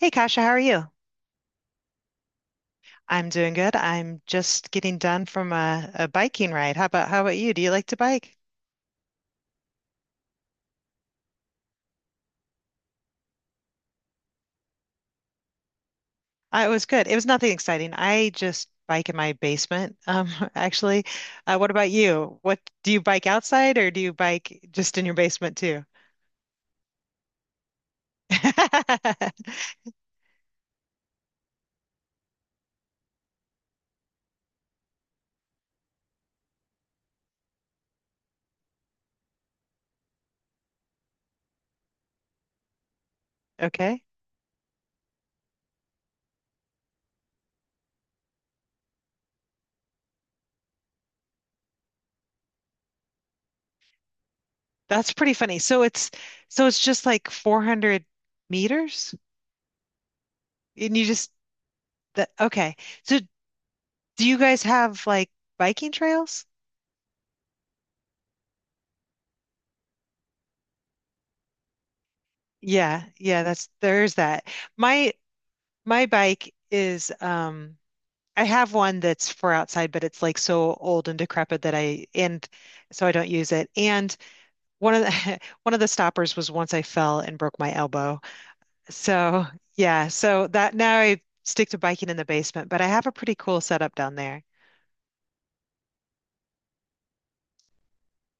Hey Kasha, how are you? I'm doing good. I'm just getting done from a biking ride. How about you? Do you like to bike? It was good. It was nothing exciting. I just bike in my basement, actually. What about you? What do you bike outside or do you bike just in your basement too? Okay. That's pretty funny. So it's just like 400 meters and you just that. Okay. So do you guys have like biking trails? Yeah, yeah, that's there's that. My my bike is I have one that's for outside, but it's like so old and decrepit that I and so I don't use it. And one of the one of the stoppers was, once I fell and broke my elbow. So yeah, so that, now I stick to biking in the basement, but I have a pretty cool setup down there.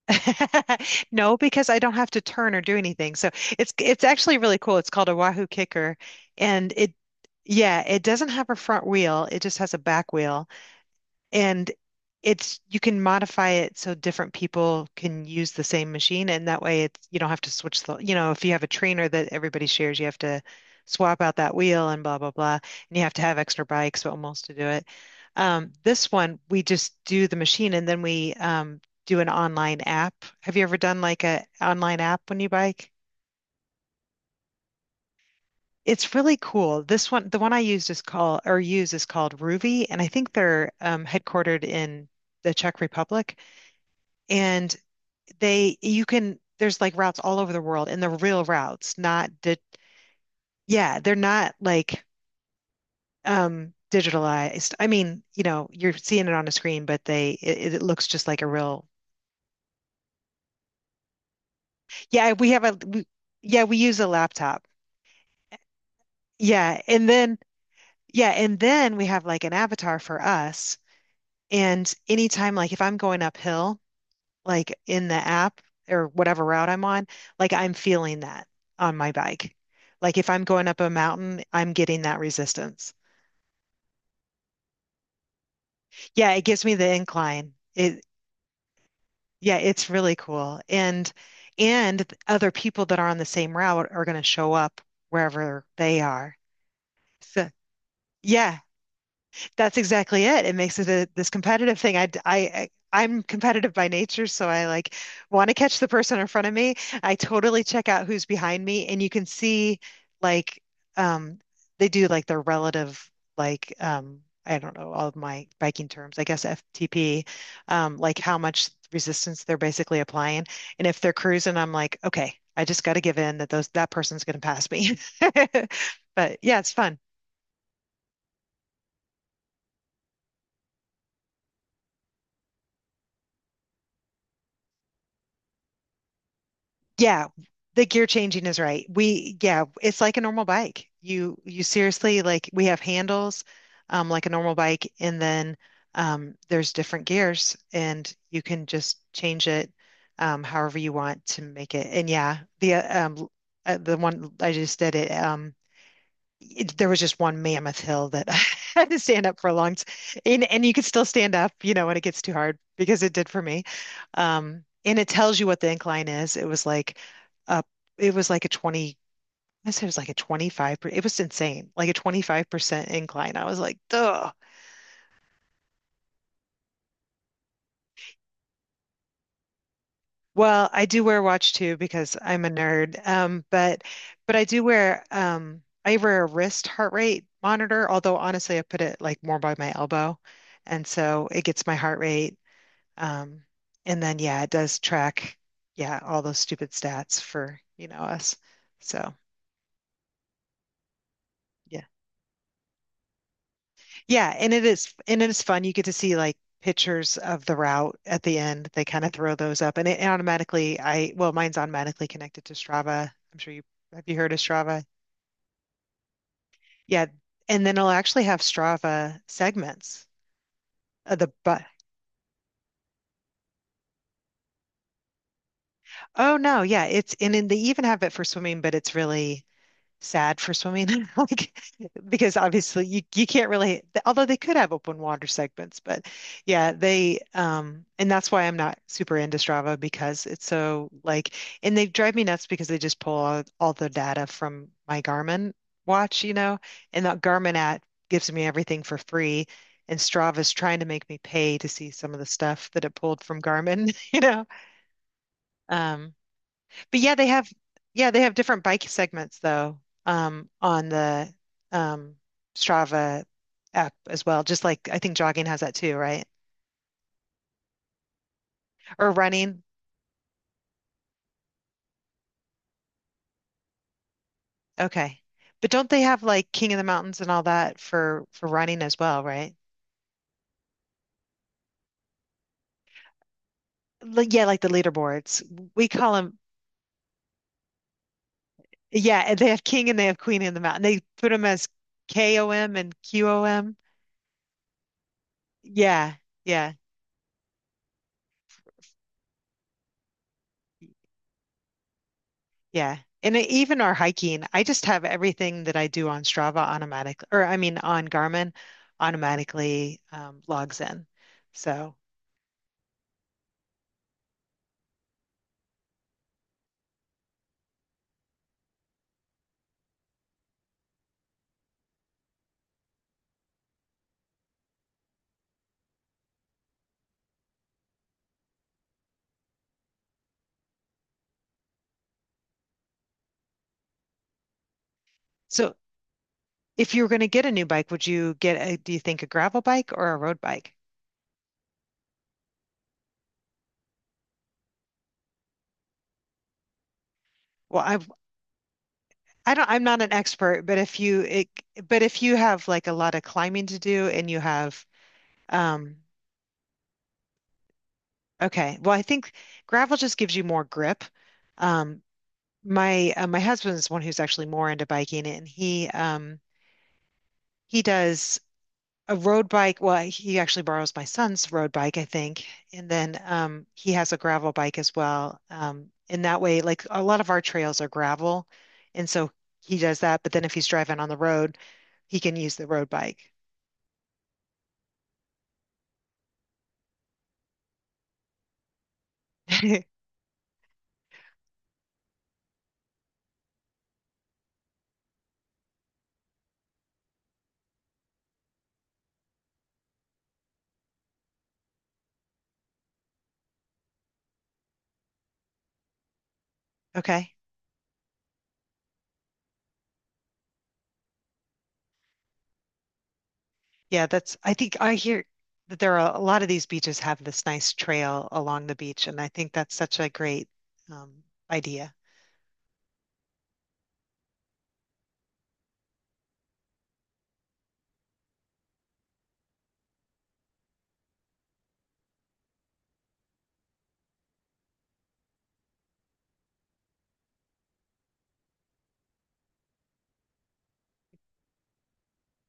No, because I don't have to turn or do anything. So it's actually really cool. It's called a Wahoo Kicker, and it yeah, it doesn't have a front wheel. It just has a back wheel, and it's you can modify it so different people can use the same machine, and that way it's you don't have to switch the, you know, if you have a trainer that everybody shares, you have to swap out that wheel and blah blah blah, and you have to have extra bikes almost to do it. This one we just do the machine and then we do an online app. Have you ever done like a online app when you bike? It's really cool. This one, the one I used is called or use is called Ruvi, and I think they're headquartered in the Czech Republic. And they, you can, there's like routes all over the world, and the real routes, not the, yeah, they're not like digitalized. I mean, you know, you're seeing it on a screen, but they it, it looks just like a real, yeah, we have yeah, we use a laptop. Yeah, and then yeah, and then we have like an avatar for us. And anytime, like if I'm going uphill, like in the app or whatever route I'm on, like I'm feeling that on my bike. Like if I'm going up a mountain, I'm getting that resistance. Yeah, it gives me the incline. It yeah, it's really cool. And other people that are on the same route are going to show up wherever they are. So yeah, that's exactly it. It makes it this competitive thing. I'm competitive by nature, so I like, want to catch the person in front of me. I totally check out who's behind me, and you can see like, um, they do like their relative, like, I don't know all of my biking terms, I guess FTP, like how much resistance they're basically applying, and if they're cruising, I'm like, okay, I just got to give in, that those that person's going to pass me. But yeah, it's fun. Yeah, the gear changing is right. Yeah, it's like a normal bike. You seriously, like, we have handles, like a normal bike, and then there's different gears, and you can just change it however you want to make it. And yeah, the one I just did it. It- there was just one mammoth hill that I had to stand up for a long time. And you could still stand up, you know, when it gets too hard because it did for me. And it tells you what the incline is. It was like a, it was like a 20, I said it was like a 25, it was insane, like a 25% incline. I was like, duh. Well, I do wear a watch too because I'm a nerd. But but I do wear I wear a wrist heart rate monitor, although honestly I put it like more by my elbow. And so it gets my heart rate. Um, and then yeah, it does track, yeah, all those stupid stats for, you know, us. So yeah. Yeah, and it is fun. You get to see like pictures of the route at the end. They kind of throw those up and it automatically, I, well, mine's automatically connected to Strava. I'm sure you, have you heard of Strava? Yeah. And then it'll actually have Strava segments of the but oh no, yeah, it's, and then they even have it for swimming, but it's really sad for swimming like, because obviously you can't really, although they could have open water segments, but yeah, they and that's why I'm not super into Strava because it's so like, and they drive me nuts because they just pull all the data from my Garmin watch, you know, and that Garmin app gives me everything for free, and Strava's trying to make me pay to see some of the stuff that it pulled from Garmin you know. um but yeah, they have, yeah, they have different bike segments though, on the um Strava app as well. Just like, I think jogging has that too, right? Or running. Okay. But don't they have like King of the Mountains and all that for running as well, right? Like, yeah, like the leaderboards. We call them yeah, and they have King and they have Queen in the Mountain. They put them as KOM and QOM. Yeah. Yeah. Yeah. And even our hiking, I just have everything that I do on Strava automatically, or I mean on Garmin automatically, logs in. So, so, if you were going to get a new bike, would you get a, do you think a gravel bike or a road bike? Well, I've, I don't, I'm not an expert, but if you have like a lot of climbing to do and you have, um, okay, well, I think gravel just gives you more grip. Um, my husband's one who's actually more into biking, and he does a road bike. Well, he actually borrows my son's road bike, I think. And then he has a gravel bike as well. And that way, like, a lot of our trails are gravel. And so he does that. But then if he's driving on the road, he can use the road bike. Okay. Yeah, that's, I think I hear that there are a lot of these beaches have this nice trail along the beach. And I think that's such a great um, idea.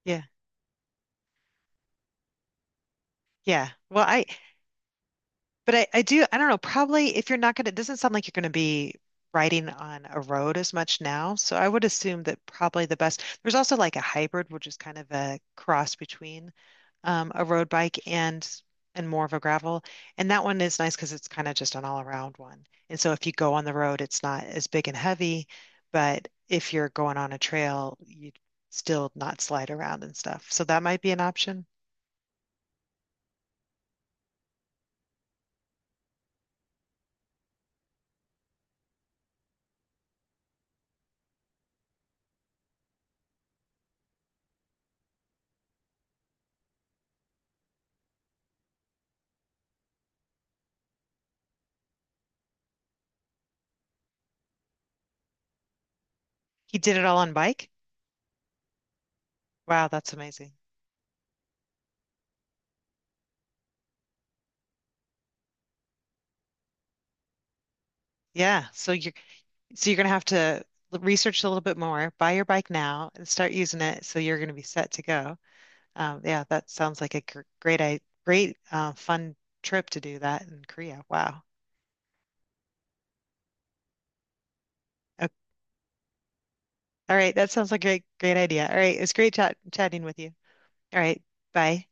Yeah. Yeah. Well, I, but I do, I don't know, probably if you're not going to, it doesn't sound like you're going to be riding on a road as much now. So I would assume that probably the best, there's also like a hybrid, which is kind of a cross between a road bike and more of a gravel. And that one is nice because it's kind of just an all around one. And so if you go on the road, it's not as big and heavy, but if you're going on a trail, you still not slide around and stuff. So that might be an option. He did it all on bike. Wow, that's amazing. Yeah, so you're so you're going to have to research a little bit more, buy your bike now and start using it, so you're going to be set to go. Yeah, that sounds like a great, great, fun trip to do that in Korea. Wow. Okay. All right. That sounds like a great, great idea. All right. It was great chatting with you. All right. Bye.